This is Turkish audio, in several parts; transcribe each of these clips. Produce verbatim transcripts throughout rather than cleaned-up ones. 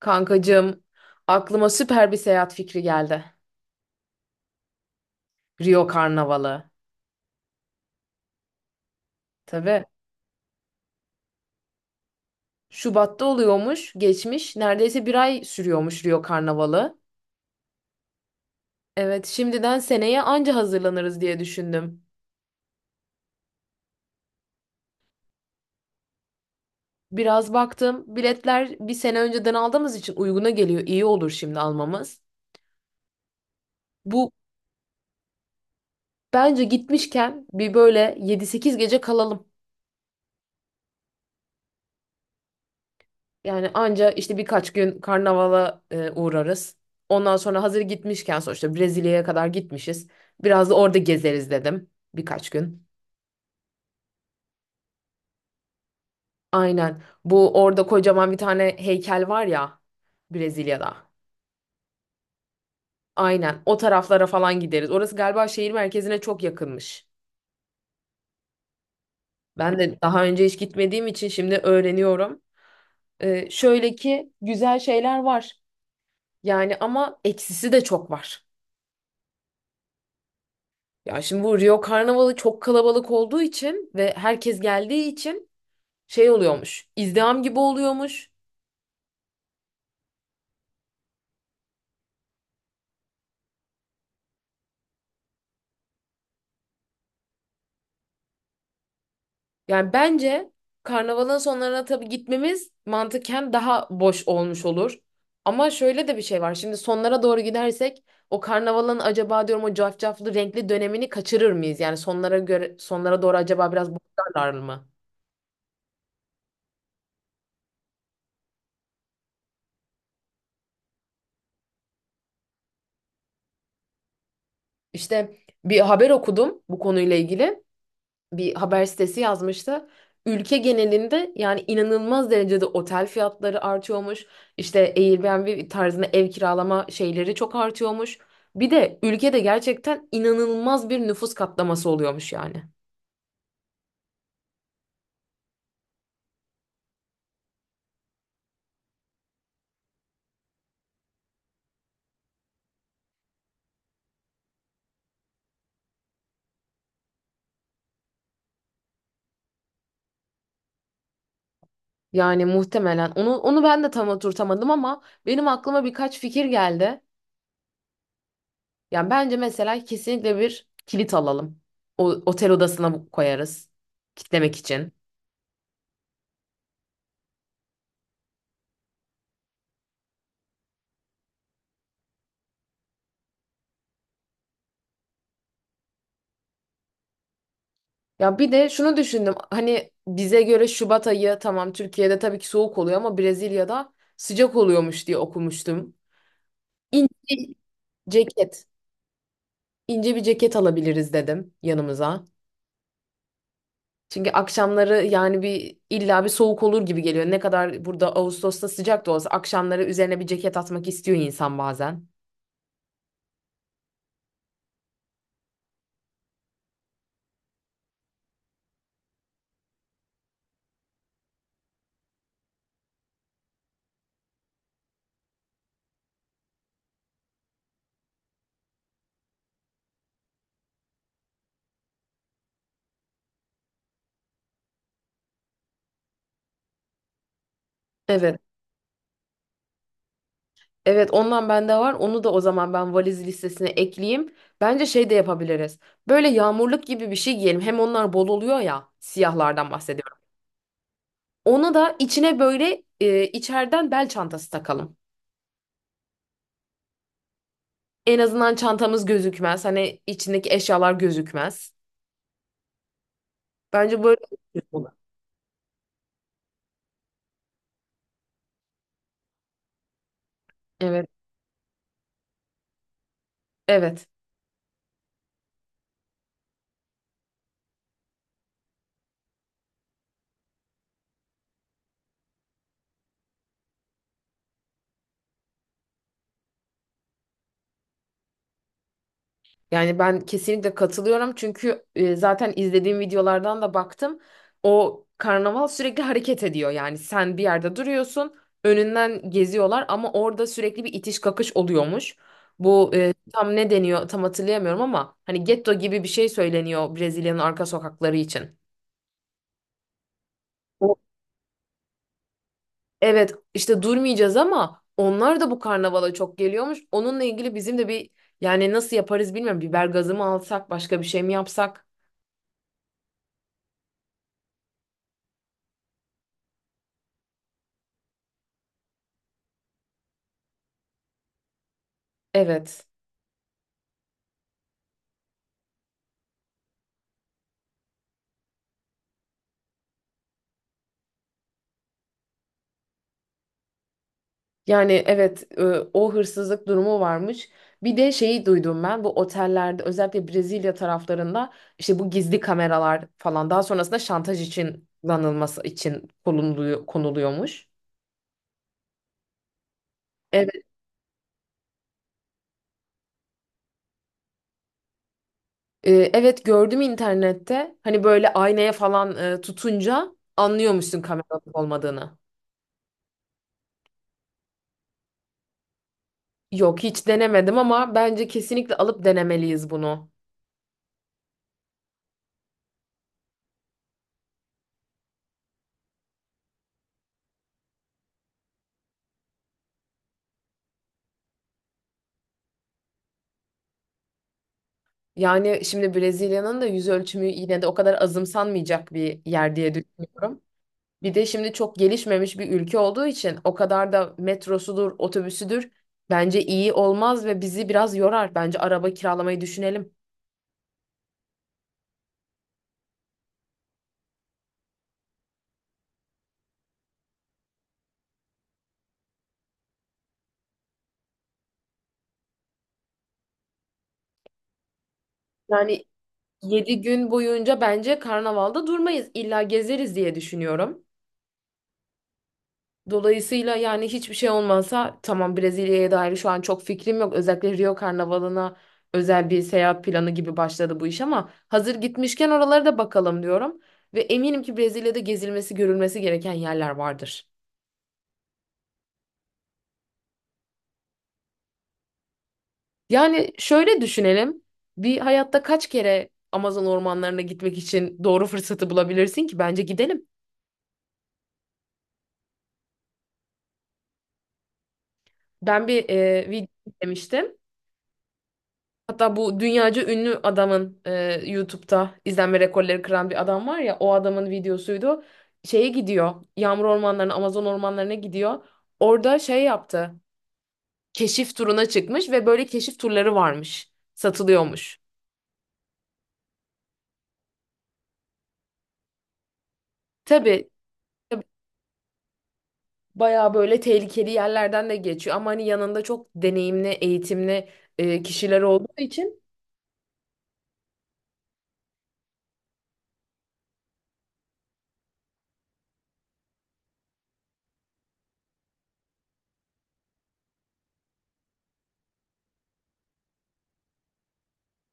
Kankacığım, aklıma süper bir seyahat fikri geldi. Rio Karnavalı. Tabii. Şubat'ta oluyormuş, geçmiş. Neredeyse bir ay sürüyormuş Rio Karnavalı. Evet, şimdiden seneye anca hazırlanırız diye düşündüm. Biraz baktım, biletler bir sene önceden aldığımız için uyguna geliyor. İyi olur şimdi almamız. Bu bence gitmişken bir böyle yedi sekiz gece kalalım. Yani anca işte birkaç gün karnavala e, uğrarız. Ondan sonra hazır gitmişken sonuçta Brezilya'ya kadar gitmişiz. Biraz da orada gezeriz dedim birkaç gün. Aynen. Bu orada kocaman bir tane heykel var ya, Brezilya'da. Aynen. O taraflara falan gideriz. Orası galiba şehir merkezine çok yakınmış. Ben de daha önce hiç gitmediğim için şimdi öğreniyorum. E, şöyle ki güzel şeyler var. Yani ama eksisi de çok var. Ya şimdi bu Rio Karnavalı çok kalabalık olduğu için ve herkes geldiği için şey oluyormuş. İzdiham gibi oluyormuş. Yani bence karnavalın sonlarına tabii gitmemiz mantıken daha boş olmuş olur. Ama şöyle de bir şey var. Şimdi sonlara doğru gidersek o karnavalın acaba diyorum o cafcaflı renkli dönemini kaçırır mıyız? Yani sonlara göre sonlara doğru acaba biraz boşlarlar mı? İşte bir haber okudum bu konuyla ilgili. Bir haber sitesi yazmıştı. Ülke genelinde yani inanılmaz derecede otel fiyatları artıyormuş. İşte Airbnb tarzında ev kiralama şeyleri çok artıyormuş. Bir de ülkede gerçekten inanılmaz bir nüfus katlaması oluyormuş yani. Yani muhtemelen onu onu ben de tam oturtamadım ama benim aklıma birkaç fikir geldi. Yani bence mesela kesinlikle bir kilit alalım. O otel odasına bu- koyarız, kitlemek için. Ya bir de şunu düşündüm. Hani bize göre Şubat ayı tamam, Türkiye'de tabii ki soğuk oluyor ama Brezilya'da sıcak oluyormuş diye okumuştum. İnce ceket, ince bir ceket alabiliriz dedim yanımıza. Çünkü akşamları yani bir illa bir soğuk olur gibi geliyor. Ne kadar burada Ağustos'ta sıcak da olsa akşamları üzerine bir ceket atmak istiyor insan bazen. Evet. Evet, ondan bende var. Onu da o zaman ben valiz listesine ekleyeyim. Bence şey de yapabiliriz. Böyle yağmurluk gibi bir şey giyelim. Hem onlar bol oluyor ya. Siyahlardan bahsediyorum. Ona da içine böyle e, içeriden bel çantası takalım. En azından çantamız gözükmez. Hani içindeki eşyalar gözükmez. Bence böyle. Evet, evet. Yani ben kesinlikle katılıyorum çünkü e, zaten izlediğim videolardan da baktım. O karnaval sürekli hareket ediyor. Yani sen bir yerde duruyorsun, önünden geziyorlar ama orada sürekli bir itiş kakış oluyormuş. Bu e, tam ne deniyor tam hatırlayamıyorum ama hani getto gibi bir şey söyleniyor Brezilya'nın arka sokakları için. Evet işte durmayacağız ama onlar da bu karnavala çok geliyormuş. Onunla ilgili bizim de bir, yani nasıl yaparız bilmiyorum. Biber gazı mı alsak başka bir şey mi yapsak? Evet. Yani evet, e, o hırsızlık durumu varmış. Bir de şeyi duydum, ben bu otellerde özellikle Brezilya taraflarında işte bu gizli kameralar falan daha sonrasında şantaj için kullanılması için konuluyor, konuluyormuş. Evet, e, evet gördüm internette, hani böyle aynaya falan e, tutunca anlıyormuşsun kamera olmadığını. Yok, hiç denemedim ama bence kesinlikle alıp denemeliyiz bunu. Yani şimdi Brezilya'nın da yüz ölçümü yine de o kadar azımsanmayacak bir yer diye düşünüyorum. Bir de şimdi çok gelişmemiş bir ülke olduğu için o kadar da metrosudur, otobüsüdür bence iyi olmaz ve bizi biraz yorar. Bence araba kiralamayı düşünelim. Yani yedi gün boyunca bence karnavalda durmayız. İlla gezeriz diye düşünüyorum. Dolayısıyla yani hiçbir şey olmasa tamam, Brezilya'ya dair şu an çok fikrim yok. Özellikle Rio Karnavalı'na özel bir seyahat planı gibi başladı bu iş ama hazır gitmişken oralara da bakalım diyorum. Ve eminim ki Brezilya'da gezilmesi, görülmesi gereken yerler vardır. Yani şöyle düşünelim. Bir hayatta kaç kere Amazon ormanlarına gitmek için doğru fırsatı bulabilirsin ki? Bence gidelim. Ben bir e, video izlemiştim. Hatta bu dünyaca ünlü adamın e, YouTube'da izlenme rekorları kıran bir adam var ya, o adamın videosuydu. Şeye gidiyor. Yağmur ormanlarına, Amazon ormanlarına gidiyor. Orada şey yaptı. Keşif turuna çıkmış ve böyle keşif turları varmış. Satılıyormuş. Tabii, tabii bayağı böyle tehlikeli yerlerden de geçiyor ama hani yanında çok deneyimli, eğitimli e, kişiler olduğu için.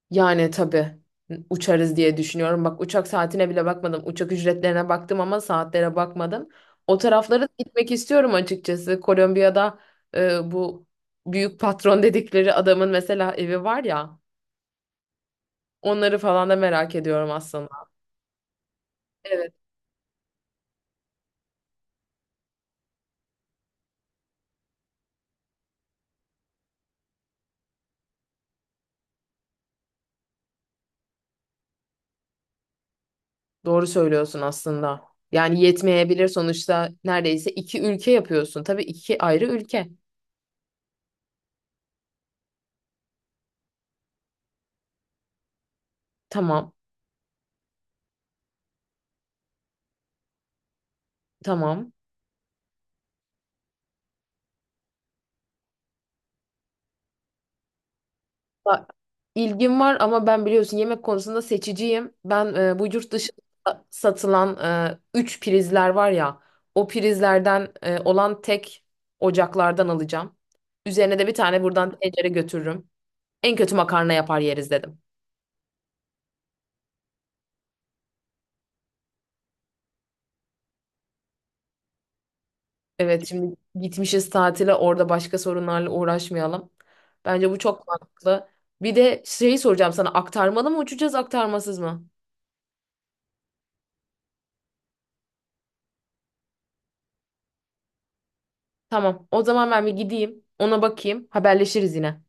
Yani tabii uçarız diye düşünüyorum. Bak, uçak saatine bile bakmadım. Uçak ücretlerine baktım ama saatlere bakmadım. O taraflara da gitmek istiyorum açıkçası. Kolombiya'da e, bu büyük patron dedikleri adamın mesela evi var ya. Onları falan da merak ediyorum aslında. Evet, doğru söylüyorsun aslında. Yani yetmeyebilir, sonuçta neredeyse iki ülke yapıyorsun. Tabii iki ayrı ülke. Tamam, tamam. Bak, ilgim var ama ben biliyorsun yemek konusunda seçiciyim. Ben e, bu yurt dışında satılan e, üç prizler var ya, o prizlerden e, olan tek ocaklardan alacağım. Üzerine de bir tane buradan tencere götürürüm. En kötü makarna yapar yeriz dedim. Evet, şimdi gitmişiz tatile, orada başka sorunlarla uğraşmayalım. Bence bu çok mantıklı. Bir de şeyi soracağım sana, aktarmalı mı uçacağız aktarmasız mı? Tamam o zaman ben bir gideyim ona bakayım, haberleşiriz yine.